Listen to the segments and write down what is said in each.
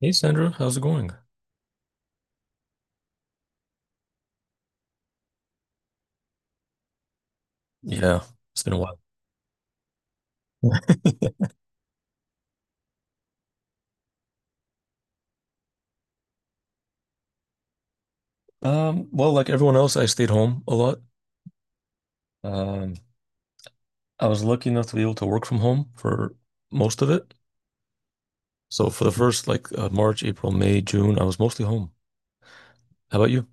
Hey Sandra, how's it going? Yeah, it's been a while. Well, like everyone else, I stayed home a lot. Um, I was lucky enough to be able to work from home for most of it. So for the first like March, April, May, June, I was mostly home. How about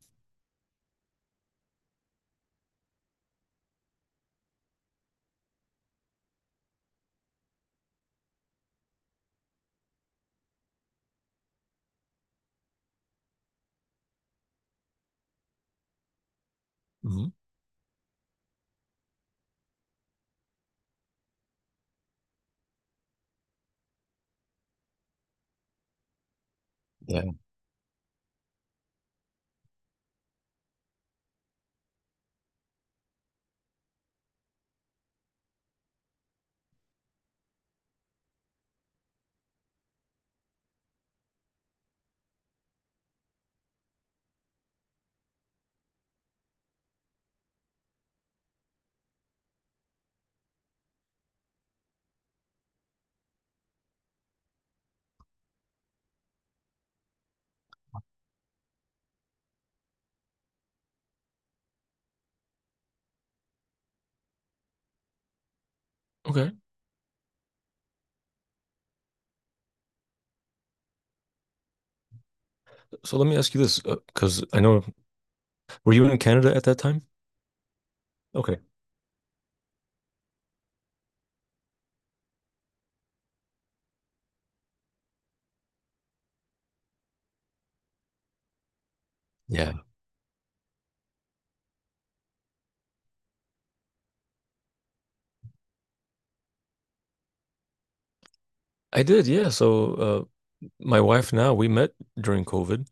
you? Yeah. Okay. So let me ask you this, because I know, were you in Canada at that time? Okay. Yeah. I did, yeah. So my wife now, we met during COVID,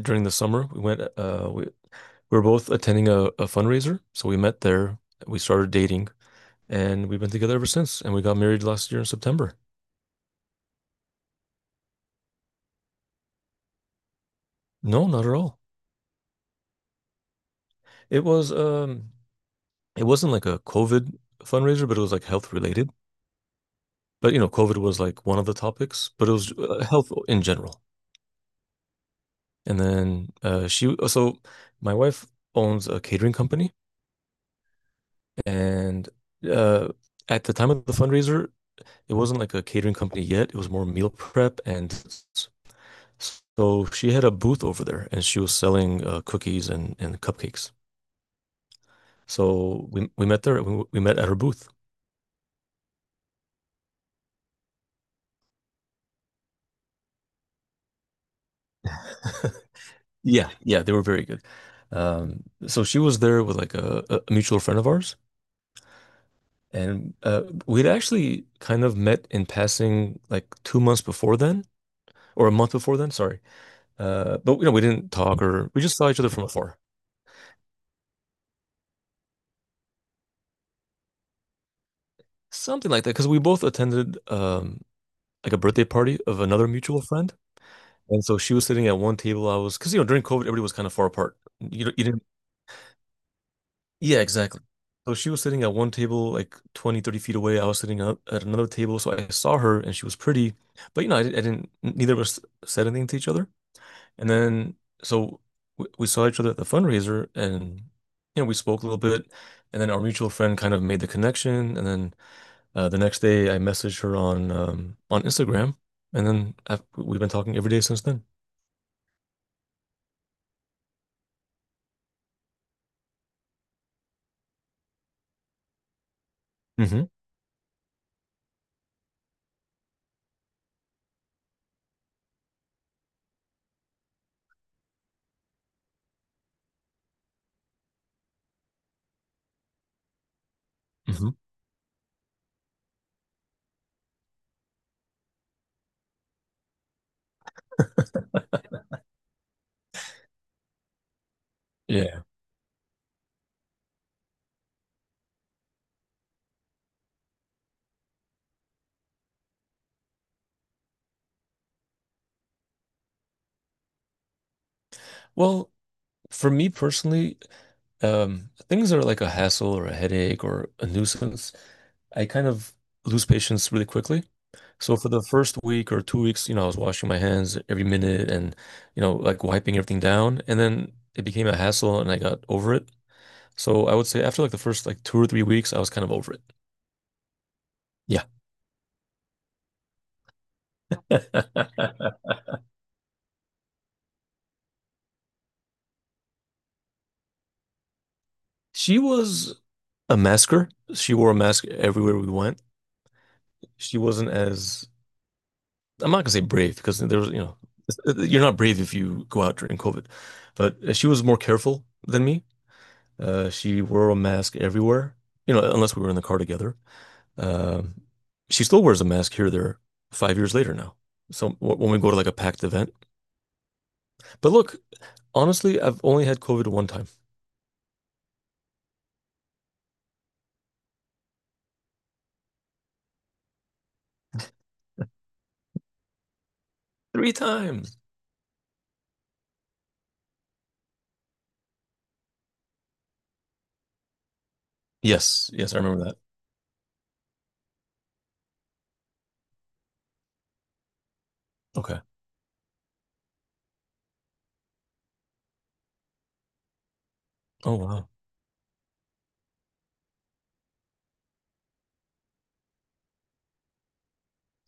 during the summer. We were both attending a fundraiser. So we met there. We started dating and we've been together ever since. And we got married last year in September. No, not at all. It was, um, it wasn't like a COVID fundraiser, but it was like health related. But you know, COVID was like one of the topics, but it was health in general. And then she oh, so my wife owns a catering company and uh at the time of the fundraiser it wasn't like a catering company yet. It was more meal prep and so she had a booth over there and she was selling cookies and cupcakes. So we met there. We met at her booth. Yeah, yeah, they were very good. So she was there with like a mutual friend of ours, and we'd actually kind of met in passing like 2 months before then, or a month before then, sorry. But you know, we didn't talk, or we just saw each other from afar, something like that. Because we both attended like a birthday party of another mutual friend, and so she was sitting at one table. I was, because you know during COVID everybody was kind of far apart. You didn't, yeah, exactly. So she was sitting at one table like 20-30 feet away. I was sitting up at another table, so I saw her and she was pretty, but you know I didn't. Neither of us said anything to each other. And then so we saw each other at the fundraiser, and you know we spoke a little bit, and then our mutual friend kind of made the connection, and then the next day I messaged her on on Instagram, and then we've been talking every day since then. Hmm. Hmm. Yeah. Well, for me personally, things are like a hassle or a headache or a nuisance. I kind of lose patience really quickly. So for the first week or 2 weeks, I was washing my hands every minute and, like wiping everything down. And then it became a hassle and I got over it. So I would say after like the first like 2 or 3 weeks, I was kind of over it. Yeah. She was a masker. She wore a mask everywhere we went. She wasn't as I'm not gonna say brave, because there was, you know, you're not brave if you go out during COVID, but she was more careful than me. She wore a mask everywhere, you know, unless we were in the car together. Um, she still wears a mask here, or there, 5 years later now. So when we go to like a packed event, but look, honestly, I've only had COVID one time. Three times. Yes, yes, I remember that. Okay. Oh wow.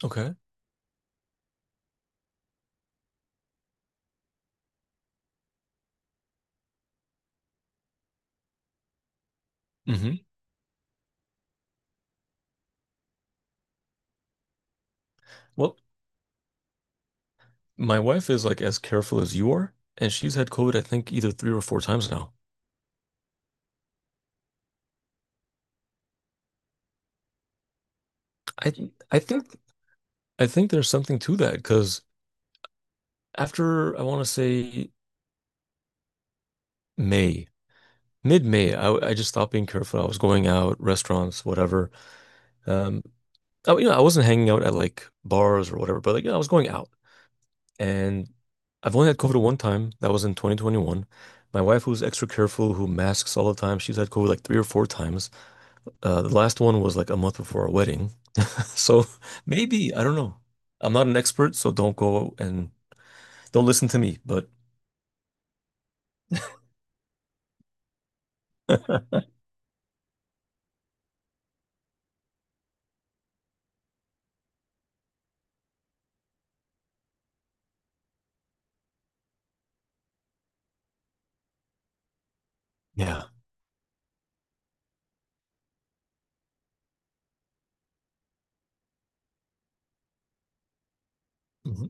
Okay. hmm Well, my wife is like as careful as you are, and she's had COVID, I think, either three or four times now. I th- I think I think there's something to that, because after I want to say May, mid-May, I just stopped being careful. I was going out, restaurants, whatever. Um, you know, I wasn't hanging out at like bars or whatever, but like you I was going out, and I've only had COVID one time. That was in 2021. My wife, who's extra careful, who masks all the time, she's had COVID like three or four times. The last one was like a month before our wedding, so maybe I don't know. I'm not an expert, so don't go and don't listen to me, but. Yeah. Mhm.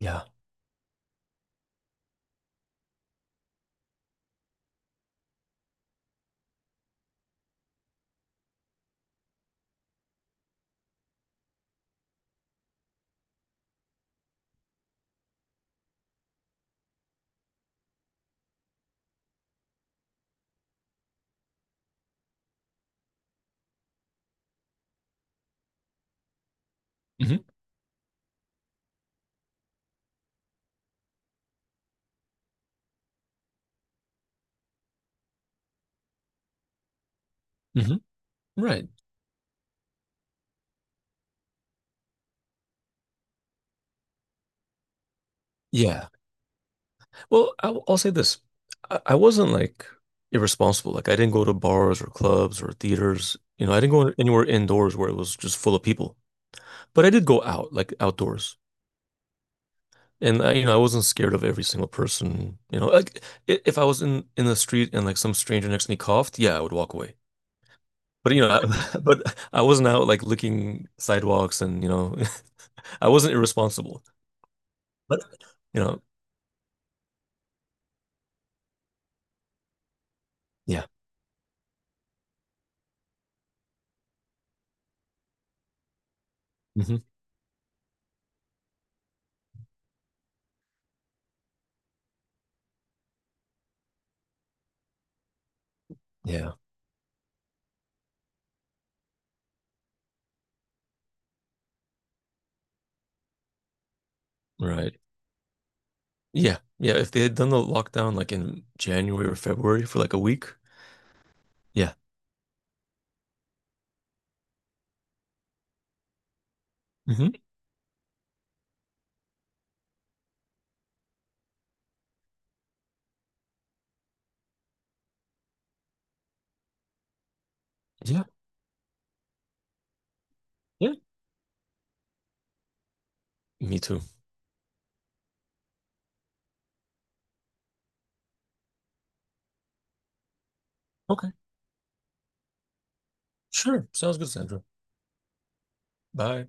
Yeah. Hmm. Hmm. Right. Yeah. Well, I will say this. I wasn't like irresponsible. Like I didn't go to bars or clubs or theaters. You know, I didn't go anywhere indoors where it was just full of people. But I did go out, like outdoors. And I wasn't scared of every single person. You know, like if I was in the street and like some stranger next to me coughed, yeah, I would walk away. But you know, but I wasn't out like licking sidewalks and I wasn't irresponsible. But, you know, yeah. Hmm. Yeah, right. Yeah, yeah. If they had done the lockdown like in January or February for like a week, yeah. Hmm. Yeah, yeah. Me too. Okay, sure. Sounds good, Sandra. Bye.